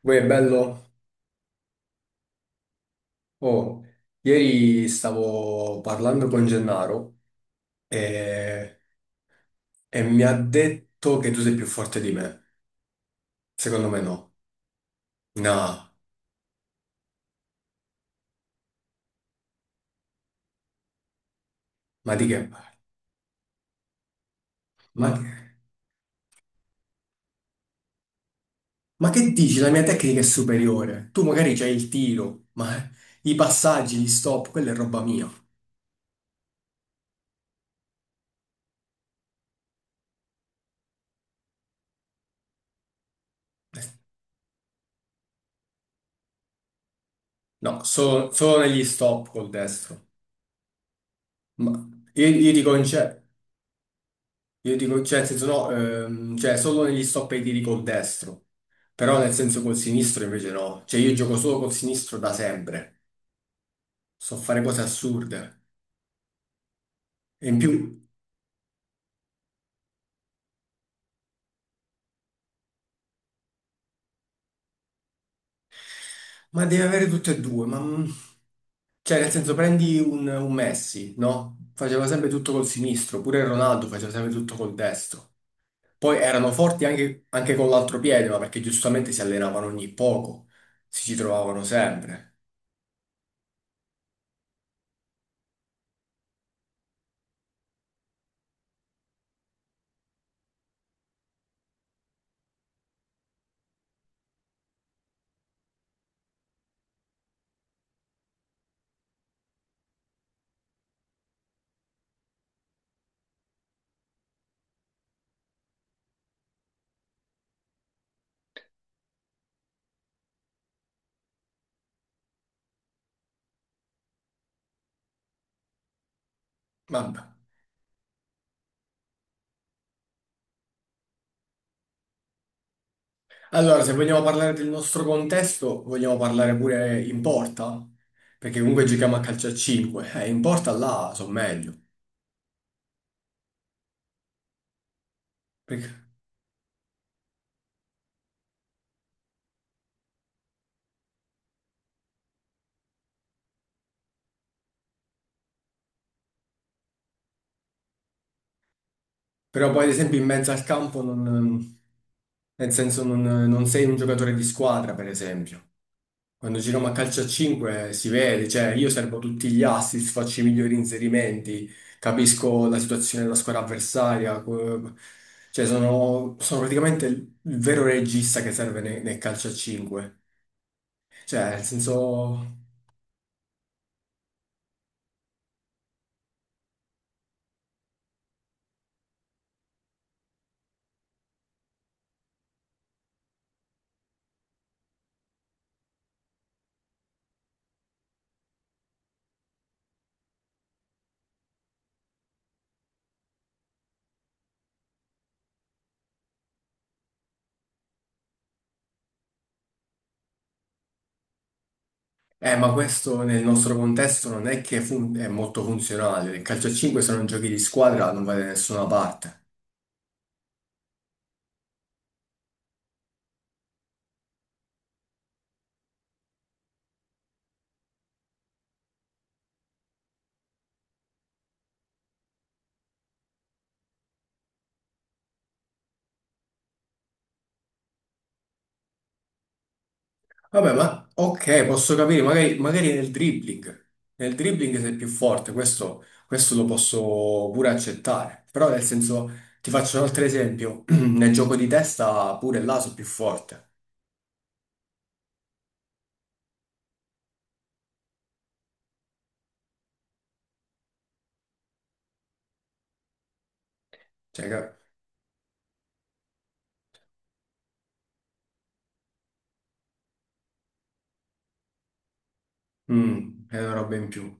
Poi è bello? Oh, ieri stavo parlando con Gennaro e, e mi ha detto che tu sei più forte di me. Secondo me no. No, ma di che parli? Ma, che- ma che dici? La mia tecnica è superiore. Tu magari c'hai il tiro, ma i passaggi, gli stop, quella è roba mia. Eh, No, solo negli stop col destro. Ma io dico in cioè, io dico, cioè, nel senso no, cioè solo negli stop e i tiri col destro. Però nel senso col sinistro invece no. Cioè io gioco solo col sinistro da sempre. So fare cose assurde. E in più, ma deve avere tutte e due. Cioè nel senso prendi un Messi, no? Faceva sempre tutto col sinistro. Pure il Ronaldo faceva sempre tutto col destro. Poi erano forti anche con l'altro piede, ma perché giustamente si allenavano ogni poco. Si ci trovavano sempre. Vabbè. Allora, se vogliamo parlare del nostro contesto, vogliamo parlare pure in porta? Perché comunque giochiamo a calcio a 5. In porta là sono meglio. Perché- Però poi, ad esempio, in mezzo al campo non... Nel senso, non sei un giocatore di squadra, per esempio. Quando giriamo a calcio a 5 si vede, cioè io servo tutti gli assist, faccio i migliori inserimenti, capisco la situazione della squadra avversaria, cioè sono praticamente il vero regista che serve nel calcio a 5. Cioè, nel senso... ma questo nel nostro contesto non è che è molto funzionale. Il calcio a 5 se non giochi di squadra non va da nessuna parte. Vabbè, ma ok, posso capire, magari nel dribbling. Nel dribbling sei più forte, questo lo posso pure accettare. Però nel senso, ti faccio un altro esempio, nel gioco di testa pure là sono più forte. Cioè, che- è una roba in più.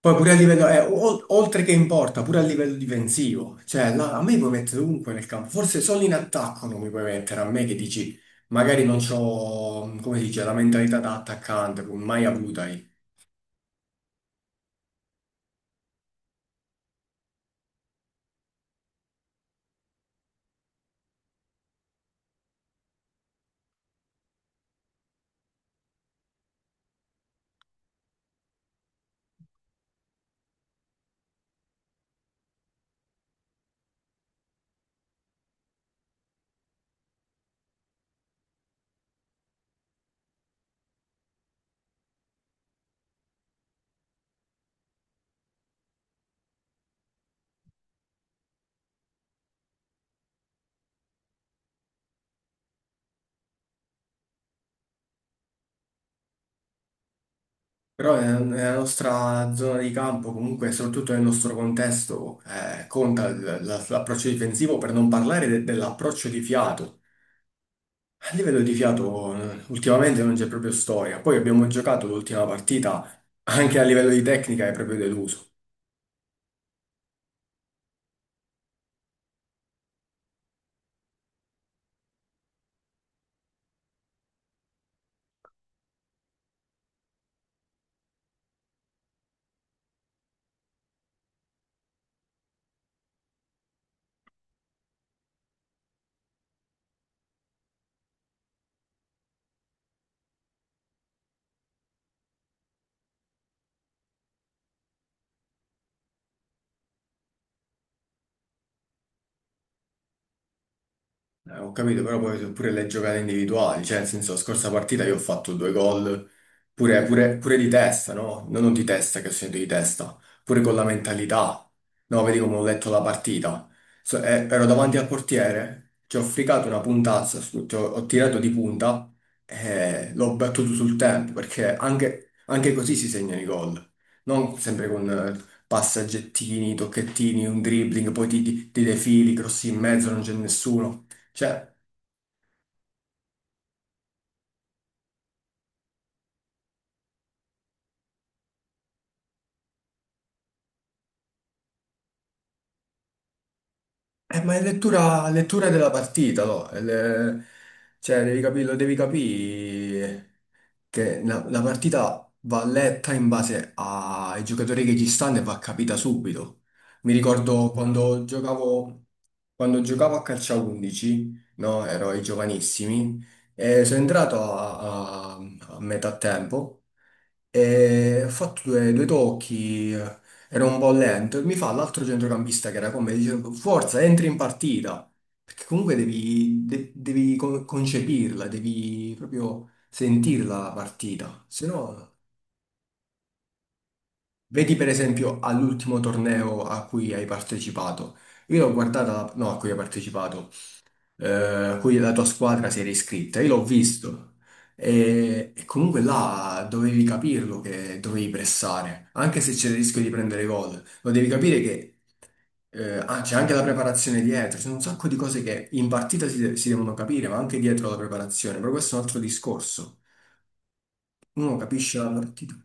Poi pure a livello, oltre che in porta, pure a livello difensivo, cioè là, a me puoi mettere ovunque nel campo, forse solo in attacco non mi puoi mettere, a me che dici, magari non c'ho, come si dice, la mentalità da attaccante, come mai avuta io. Però nella nostra zona di campo, comunque, soprattutto nel nostro contesto, conta l'approccio difensivo, per non parlare dell'approccio di fiato. A livello di fiato, ultimamente non c'è proprio storia, poi abbiamo giocato l'ultima partita, anche a livello di tecnica è proprio deluso. Ho capito, però poi pure le giocate individuali, cioè nel senso, la scorsa partita io ho fatto due gol, pure di testa, no? No, non di testa, che ho segnato di testa, pure con la mentalità. No, vedi come ho letto la partita. Ero davanti al portiere, ci ho fricato una puntazza, ho tirato di punta e l'ho battuto sul tempo, perché anche così si segnano i gol. Non sempre con passaggettini, tocchettini, un dribbling, poi ti defili, crossi in mezzo, non c'è nessuno. Cioè, ma è lettura, lettura della partita, no? Cioè, devi capirlo, devi capire che la partita va letta in base ai giocatori che ci stanno e va capita subito. Mi ricordo quando giocavo a calcio a 11, no? Ero ai giovanissimi e sono entrato a metà tempo. E ho fatto due tocchi, ero un po' lento, e mi fa l'altro centrocampista che era con me, dice, forza, entri in partita, perché comunque devi concepirla, devi proprio sentirla la partita, se no, vedi per esempio all'ultimo torneo a cui hai partecipato, io l'ho guardata, no, a cui hai partecipato, a cui la tua squadra si era iscritta. Io l'ho visto e comunque là dovevi capirlo che dovevi pressare, anche se c'era il rischio di prendere gol. Lo devi capire che c'è anche la preparazione dietro, ci sono un sacco di cose che in partita si devono capire, ma anche dietro la preparazione, però questo è un altro discorso. Uno capisce la partita.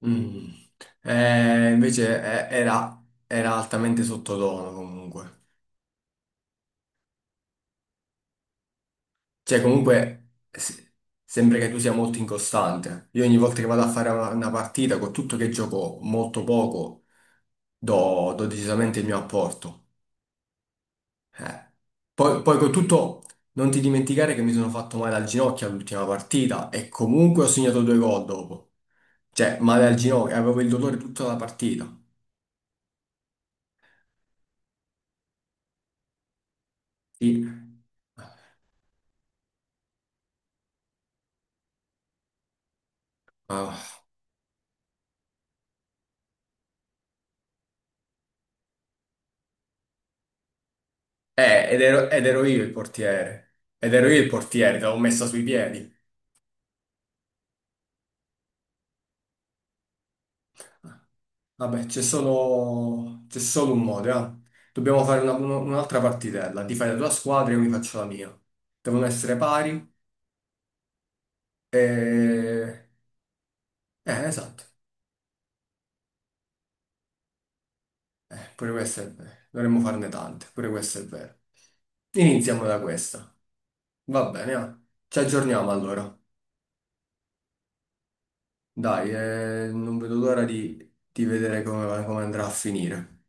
Mm. Eh, invece era altamente sottotono comunque. Cioè, comunque, sembra che tu sia molto incostante. Io ogni volta che vado a fare una partita, con tutto che gioco molto poco, do decisamente il mio apporto. Eh. Poi con tutto, non ti dimenticare che mi sono fatto male al ginocchio all'ultima partita e comunque ho segnato due gol dopo. Cioè, male al ginocchio, avevo il dolore tutta la partita. Sì. Ah. Ed ero io il portiere. Ed ero io il portiere, te l'avevo messa sui piedi. Vabbè, c'è solo un modo, eh. Dobbiamo fare un'altra partitella. Ti fai la tua squadra e io mi faccio la mia. Devono essere pari e... esatto. Pure questo è vero. Dovremmo farne tante, pure questo è vero. Iniziamo da questa. Va bene, eh. Ci aggiorniamo allora. Dai, non vedo l'ora di vedere come andrà a finire.